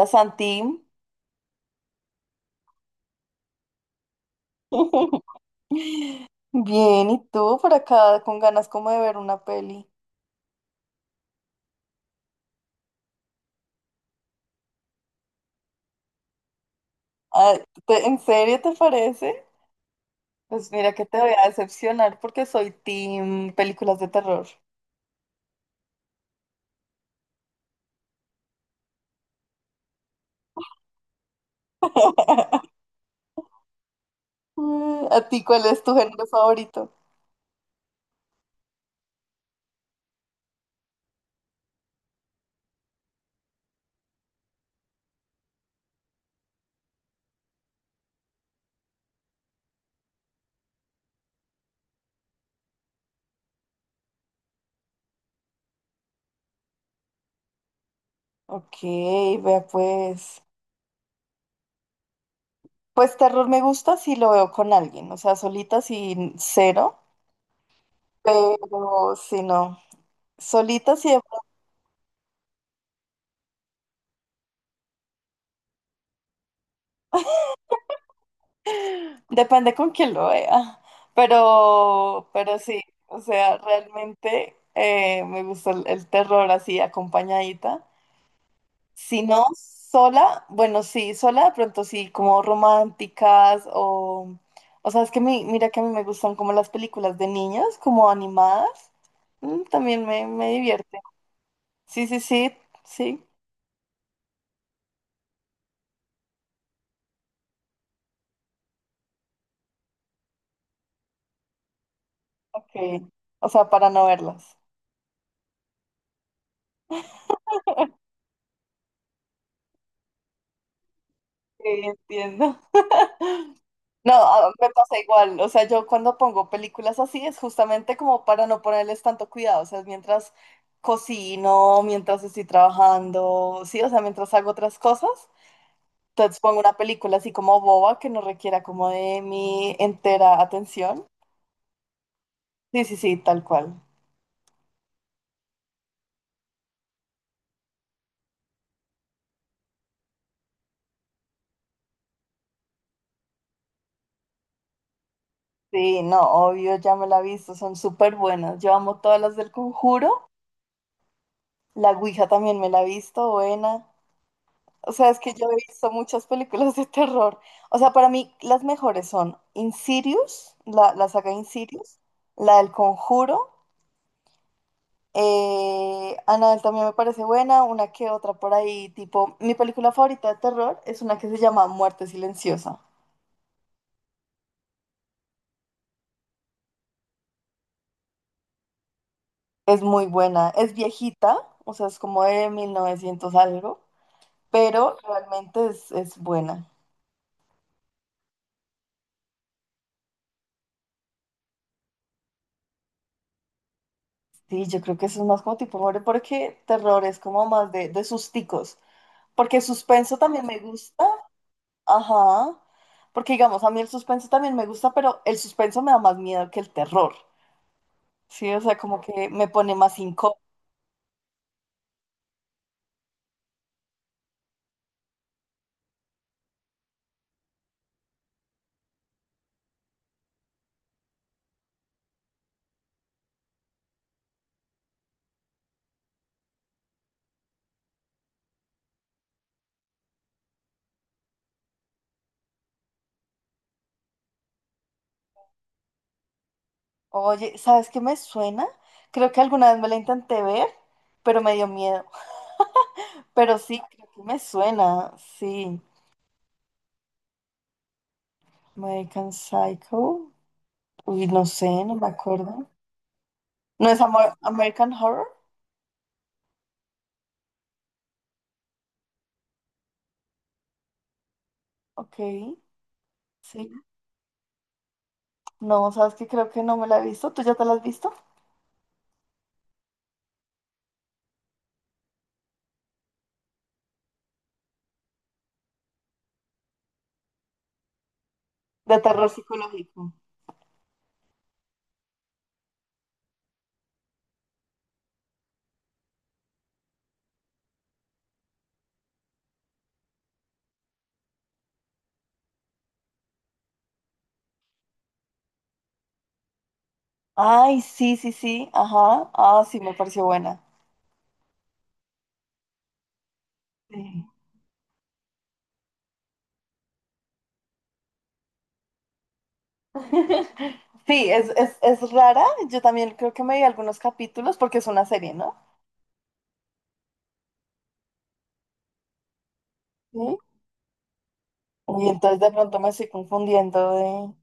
La Santim. Bien, ¿y tú por acá con ganas como de ver una peli? Ah, ¿en serio te parece? Pues mira que te voy a decepcionar porque soy team películas de terror. ¿A ti cuál es tu género favorito? Ok, vea pues. Pues terror me gusta si lo veo con alguien, o sea, solita sin cero, pero si no, solita sí. Depende con quién lo vea, pero sí, o sea, realmente me gusta el terror así acompañadita. Si no sola, bueno, sí, sola de pronto sí, como románticas o sea, es que mira que a mí me gustan como las películas de niños, como animadas. También me divierte. Sí, sí, sí, sí, ok. O sea, para no verlas. Sí, entiendo. No, me pasa igual. O sea, yo cuando pongo películas así es justamente como para no ponerles tanto cuidado. O sea, mientras cocino, mientras estoy trabajando, sí, o sea, mientras hago otras cosas. Entonces pongo una película así como boba que no requiera como de mi entera atención. Sí, sí, sí, tal cual. Sí, no, obvio, ya me la he visto, son súper buenas. Yo amo todas las del Conjuro. La Ouija también me la he visto, buena. O sea, es que yo he visto muchas películas de terror. O sea, para mí las mejores son Insidious, la saga Insidious, la del Conjuro. Annabelle también me parece buena, una que otra por ahí, tipo, mi película favorita de terror es una que se llama Muerte Silenciosa. Es muy buena, es viejita, o sea, es como de 1900 algo, pero realmente es, buena. Sí, yo creo que eso es más como tipo horror, porque terror es como más de susticos. Porque suspenso también me gusta. Ajá. Porque digamos, a mí el suspenso también me gusta, pero el suspenso me da más miedo que el terror. Sí, o sea, como que me pone más incómodo. Oye, ¿sabes qué me suena? Creo que alguna vez me la intenté ver, pero me dio miedo. Pero sí, creo que me suena. Sí. American Psycho. Uy, no sé, no me acuerdo. ¿No es American Horror? Ok. Sí. No, ¿sabes qué? Creo que no me la he visto. ¿Tú ya te la has visto? De terror psicológico. Ay, sí, sí, sí, ajá. Ah, sí, me pareció buena. Sí. Sí, es rara. Yo también creo que me vi algunos capítulos porque es una serie, ¿no? Sí. Y entonces de pronto me estoy confundiendo de...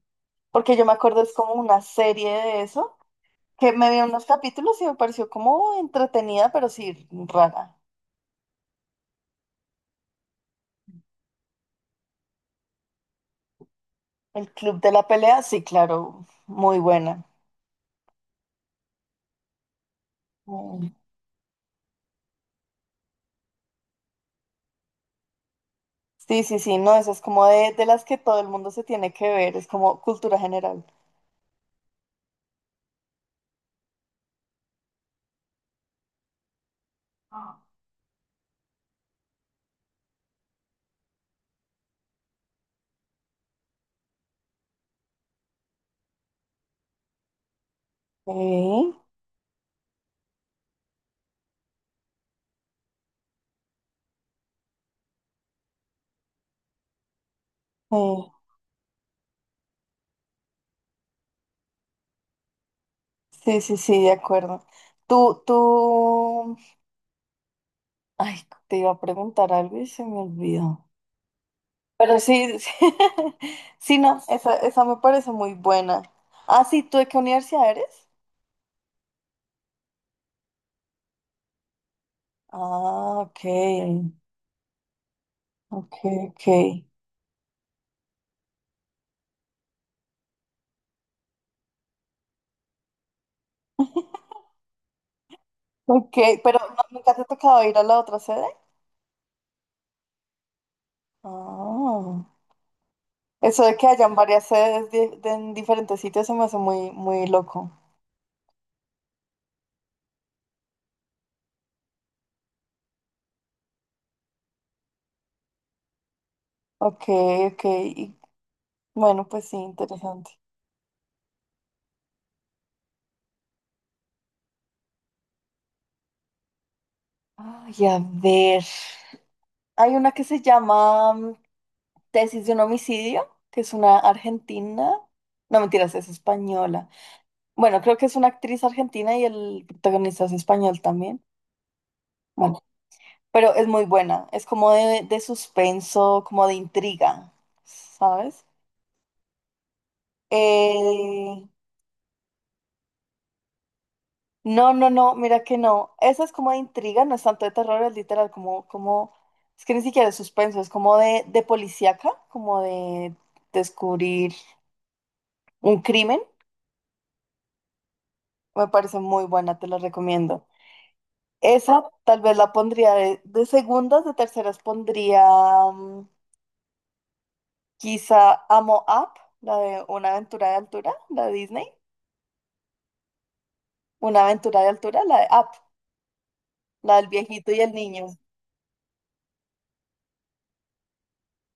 Porque yo me acuerdo es como una serie de eso, que me vi unos capítulos y me pareció como entretenida, pero sí rara. El Club de la Pelea, sí, claro, muy buena. Mm. Sí, sí, sí, no, eso es como de, las que todo el mundo se tiene que ver, es como cultura general. Ok. Sí, sí, sí, sí, de acuerdo. Tú, ay, te iba a preguntar algo y se me olvidó. Pero sí, sí, sí, no, esa me parece muy buena. Ah, sí, ¿tú de qué universidad eres? Ah, ok, ok, ok. Ok, pero ¿nunca te ha tocado ir a la otra sede? Ah, eso de que hayan varias sedes en diferentes sitios se me hace muy, muy loco. Ok, ok, y bueno, pues sí, interesante. Ay, a ver. Hay una que se llama Tesis de un homicidio, que es una argentina. No, mentiras, es española. Bueno, creo que es una actriz argentina y el protagonista es español también. Bueno, pero es muy buena. Es como de, suspenso, como de intriga, ¿sabes? Eh, No, no, no, mira que no. Esa es como de intriga, no es tanto de terror, es literal, como, es que ni siquiera es suspenso, es como de, policíaca, como de descubrir un crimen. Me parece muy buena, te la recomiendo. Esa tal vez la pondría de segundas, de terceras pondría mm, quizá Amo Up, la de Una aventura de altura, la de Disney. Una aventura de altura, la de Up, la del viejito y el niño.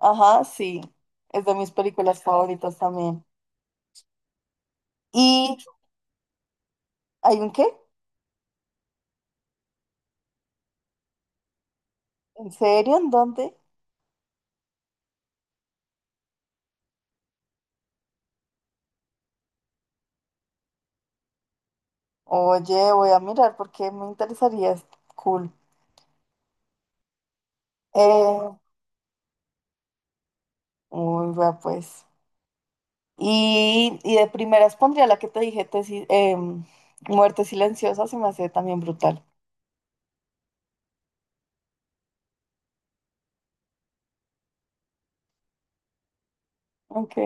Ajá, sí, es de mis películas favoritas también. ¿Y hay un qué? ¿En serio? ¿En dónde? Oye, voy a mirar porque me interesaría. Es cool. Eh, uy, va pues. Y de primeras pondría la que te dije, tesis, Muerte Silenciosa, se me hace también brutal. Ok,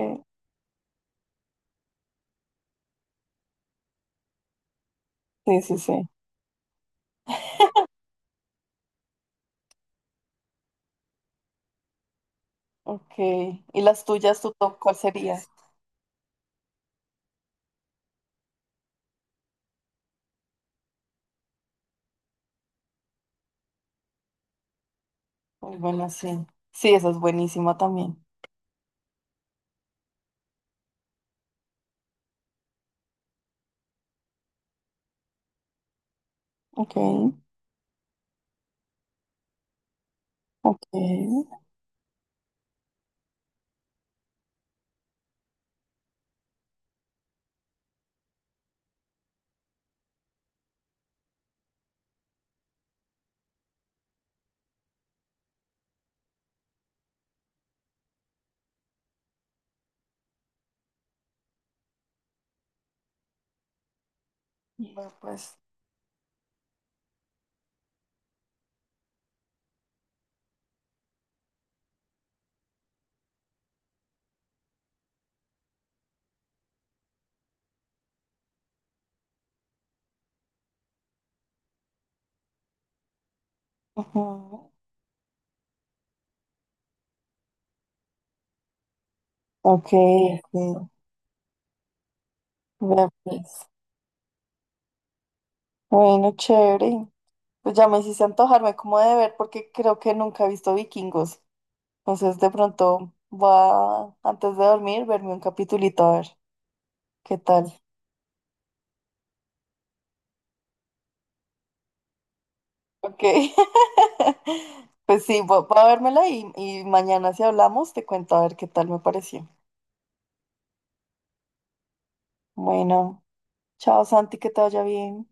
sí, sí, sí. Ok. ¿Y las tuyas, tu top, cuál sería? Muy buena, sí. Sí, esa es buenísima también. Ok, ok. Va pues. Ujú. Ok, ok. Va, pues. Bueno, chévere. Pues ya me hiciste antojarme como de ver porque creo que nunca he visto Vikingos. Entonces de pronto voy a, antes de dormir, verme un capitulito a ver qué tal. Ok. Pues sí, voy a vérmela y mañana si hablamos te cuento a ver qué tal me pareció. Bueno, chao Santi, que te vaya bien.